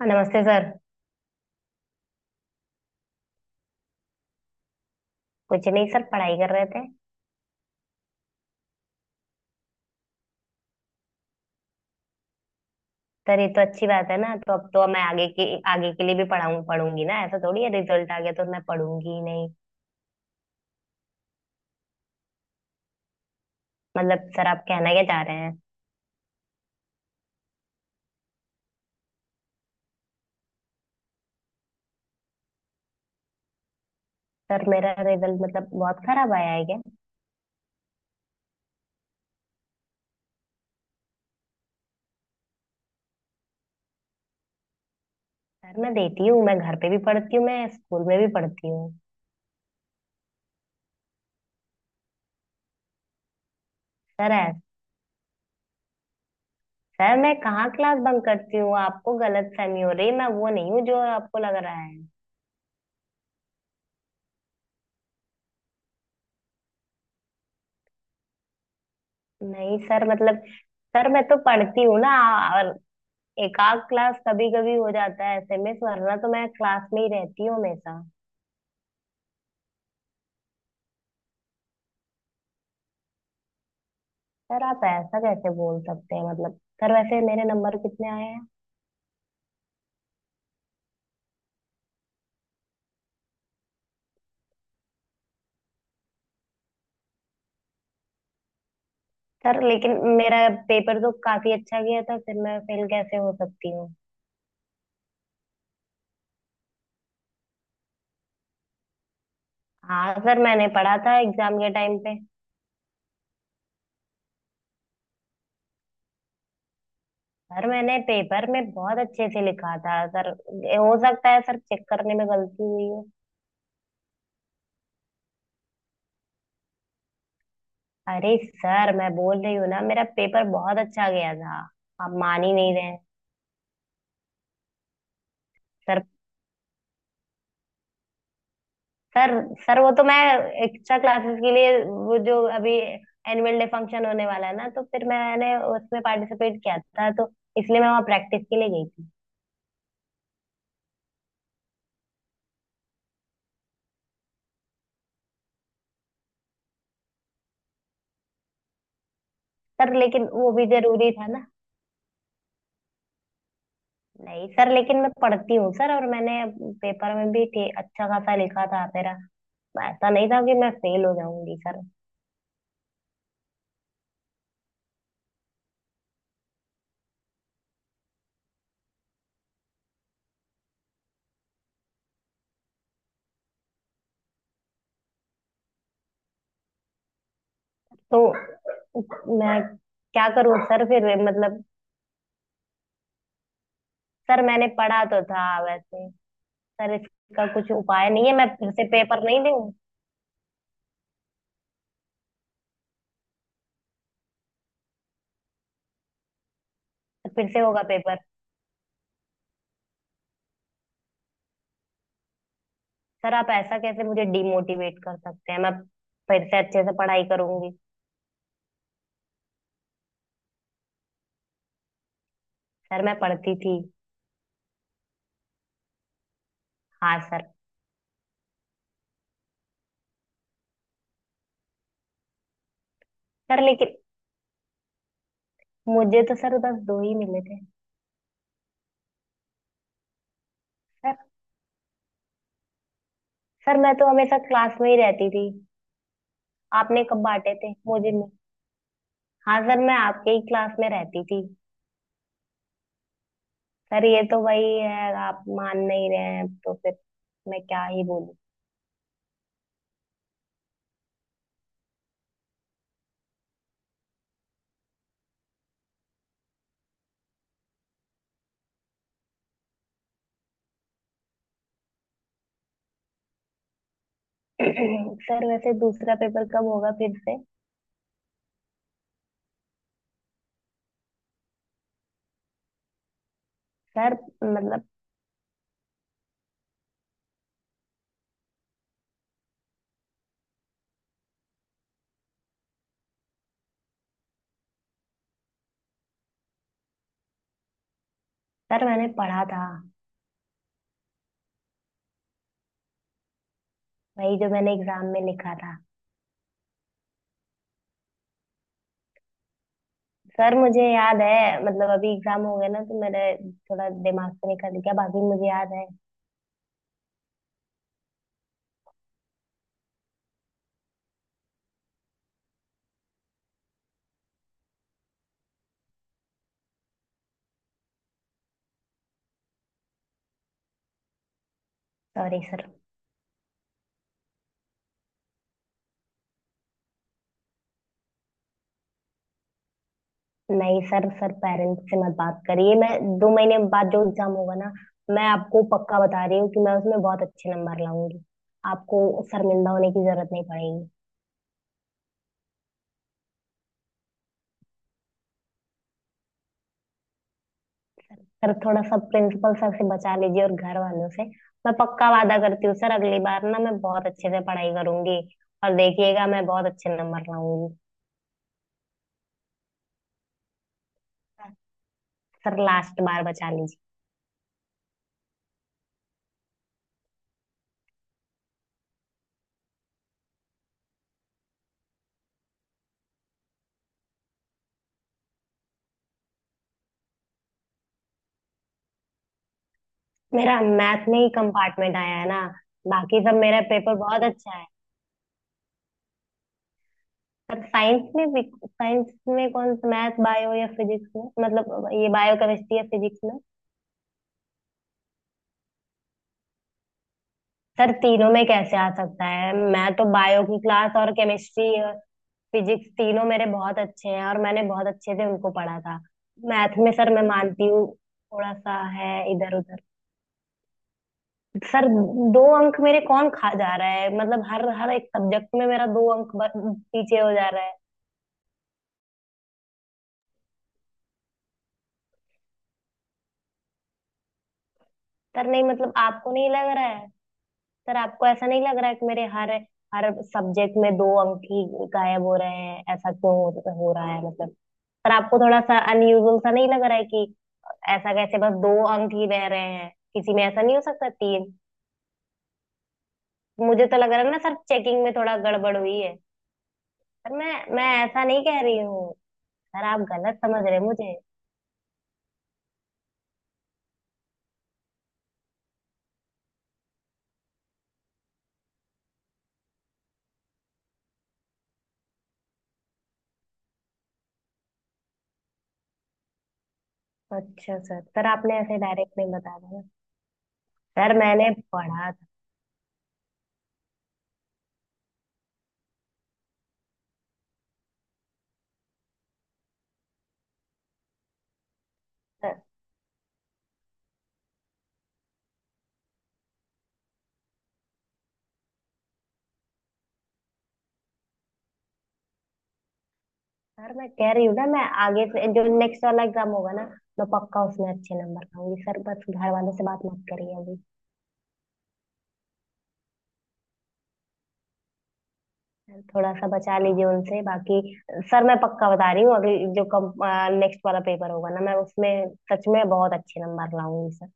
हाँ, नमस्ते सर। कुछ नहीं सर, पढ़ाई कर रहे थे। सर ये तो अच्छी बात है ना, तो अब तो मैं आगे की आगे के लिए भी पढ़ाऊँ पढ़ूंगी ना। ऐसा थोड़ी है रिजल्ट आ गया तो मैं पढ़ूंगी ही नहीं। मतलब सर आप कहना क्या चाह रहे हैं? सर मेरा रिजल्ट मतलब बहुत खराब आया है क्या? सर मैं देती हूँ, मैं घर पे भी पढ़ती हूँ, मैं स्कूल में भी पढ़ती हूँ। सर ऐ- सर मैं कहाँ क्लास बंक करती हूँ? आपको गलत फहमी हो रही है, मैं वो नहीं हूँ जो आपको लग रहा है। नहीं सर, मतलब सर मैं तो पढ़ती हूँ ना। और एकाध क्लास कभी कभी हो जाता है ऐसे में, वरना तो मैं क्लास में ही रहती हूँ हमेशा। सर आप ऐसा कैसे बोल सकते हैं? मतलब सर वैसे मेरे नंबर कितने आए हैं? सर लेकिन मेरा पेपर तो काफी अच्छा गया था, फिर मैं फेल कैसे हो सकती हूँ? हाँ सर, मैंने पढ़ा था एग्जाम के टाइम पे। सर मैंने पेपर में बहुत अच्छे से लिखा था सर। हो सकता है सर चेक करने में गलती हुई हो। अरे सर, मैं बोल रही हूँ ना मेरा पेपर बहुत अच्छा गया था। आप मान ही नहीं रहे। सर सर सर वो तो मैं एक्स्ट्रा क्लासेस के लिए, वो जो अभी एनुअल डे फंक्शन होने वाला है ना, तो फिर मैंने उसमें पार्टिसिपेट किया था, तो इसलिए मैं वहाँ प्रैक्टिस के लिए गई थी। सर लेकिन वो भी जरूरी था ना। नहीं सर, लेकिन मैं पढ़ती हूँ सर, और मैंने पेपर में भी अच्छा खासा लिखा था मेरा। ऐसा नहीं था कि मैं फेल हो जाऊंगी सर। तो मैं क्या करूँ सर फिर, मतलब। सर मैंने पढ़ा तो था वैसे। सर इसका कुछ उपाय नहीं है? मैं फिर से पेपर नहीं दूँ? फिर से होगा पेपर? सर आप ऐसा कैसे मुझे डिमोटिवेट कर सकते हैं? मैं फिर से अच्छे से पढ़ाई करूंगी। सर मैं पढ़ती थी। हाँ सर। सर लेकिन मुझे तो सर बस दो ही मिले थे। सर, सर मैं तो हमेशा क्लास में ही रहती थी। आपने कब बांटे थे? मुझे नहीं। हाँ सर, मैं आपके ही क्लास में रहती थी। सर ये तो वही है, आप मान नहीं रहे हैं तो फिर मैं क्या ही बोलूं। सर वैसे दूसरा पेपर कब होगा फिर से? सर मतलब, सर मैंने पढ़ा था वही जो मैंने एग्जाम में लिखा था। सर मुझे याद है, मतलब अभी एग्जाम हो गया ना तो मेरे थोड़ा दिमाग से निकल गया, बाकी मुझे याद है। Sorry sir. नहीं सर, सर पेरेंट्स से मत बात करिए। मैं दो महीने बाद जो एग्जाम होगा ना, मैं आपको पक्का बता रही हूँ कि मैं उसमें बहुत अच्छे नंबर लाऊंगी। आपको शर्मिंदा होने की जरूरत नहीं पड़ेगी। सर थोड़ा सा प्रिंसिपल सर से बचा लीजिए और घर वालों से। मैं पक्का वादा करती हूँ सर, अगली बार ना मैं बहुत अच्छे से पढ़ाई करूंगी, और देखिएगा मैं बहुत अच्छे नंबर लाऊंगी। सर लास्ट बार बचा लीजिए। मेरा मैथ में ही कंपार्टमेंट आया है ना, बाकी सब मेरा पेपर बहुत अच्छा है। पर साइंस में भी? साइंस में कौन सा, मैथ बायो या फिजिक्स में? मतलब ये बायो, केमिस्ट्री या फिजिक्स में? सर तीनों में कैसे आ सकता है? मैं तो बायो की क्लास और केमिस्ट्री और फिजिक्स तीनों मेरे बहुत अच्छे हैं, और मैंने बहुत अच्छे से उनको पढ़ा था। मैथ में सर मैं मानती हूँ, थोड़ा सा है इधर उधर। सर दो अंक मेरे कौन खा जा रहा है? मतलब हर हर एक सब्जेक्ट में मेरा दो अंक पीछे हो जा रहा है। सर नहीं, मतलब आपको नहीं लग रहा है? सर आपको ऐसा नहीं लग रहा है कि मेरे हर हर सब्जेक्ट में दो अंक ही गायब हो रहे हैं? ऐसा क्यों हो रहा है, मतलब? सर आपको थोड़ा सा अनयूजुअल सा नहीं लग रहा है कि ऐसा कैसे बस दो अंक ही बह रहे हैं किसी में? ऐसा नहीं हो सकता। तीन, मुझे तो लग रहा है ना सर चेकिंग में थोड़ा गड़बड़ हुई है। सर मैं ऐसा नहीं कह रही हूँ। सर आप गलत समझ रहे हैं मुझे। अच्छा सर, सर आपने ऐसे डायरेक्ट नहीं बता दिया। सर मैंने पढ़ा था। यार मैं कह रही हूँ ना, मैं आगे से जो नेक्स्ट वाला एग्जाम होगा ना, मैं पक्का उसमें अच्छे नंबर लाऊंगी सर, बस घर वालों से बात मत करिए अभी। सर, थोड़ा सा बचा लीजिए उनसे। बाकी सर मैं पक्का बता रही हूँ, अभी जो कम नेक्स्ट वाला पेपर होगा ना, मैं उसमें सच में बहुत अच्छे नंबर लाऊंगी सर।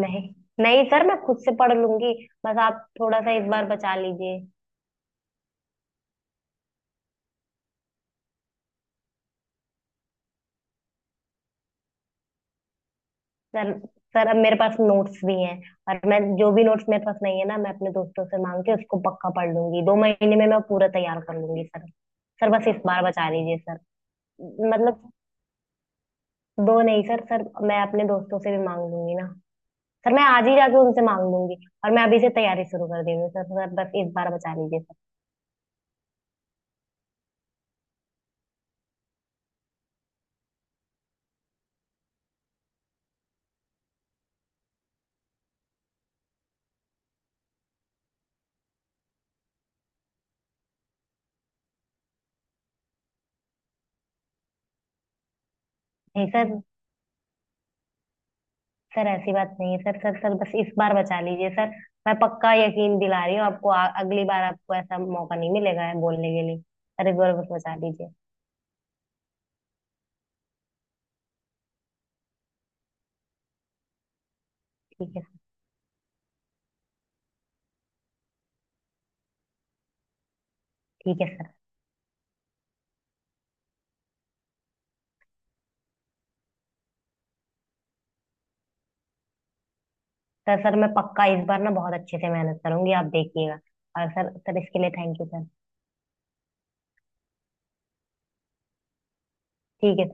नहीं, नहीं सर, मैं खुद से पढ़ लूंगी, बस आप थोड़ा सा इस बार बचा लीजिए। सर सर अब मेरे पास नोट्स भी हैं, और मैं जो भी नोट्स मेरे पास नहीं है ना, मैं अपने दोस्तों से मांग के उसको पक्का पढ़ लूंगी। दो महीने में मैं पूरा तैयार कर लूंगी सर। सर बस इस बार बचा लीजिए सर। मतलब दो नहीं सर, मैं अपने दोस्तों से भी मांग लूंगी ना। सर मैं आज ही जाके उनसे मांग लूंगी, और मैं अभी से तैयारी शुरू कर दे रही हूँ सर। सर बस इस बार बचा लीजिए सर। नहीं सर, ऐसी बात नहीं है सर सर सर बस इस बार बचा लीजिए सर। मैं पक्का यकीन दिला रही हूँ आपको, अगली बार आपको ऐसा मौका नहीं मिलेगा है बोलने के लिए सर। इस बार बस बचा लीजिए। ठीक है। ठीक है सर सर सर मैं पक्का इस बार ना बहुत अच्छे से मेहनत करूंगी, आप देखिएगा। और सर सर इसके लिए थैंक यू सर। ठीक है सर।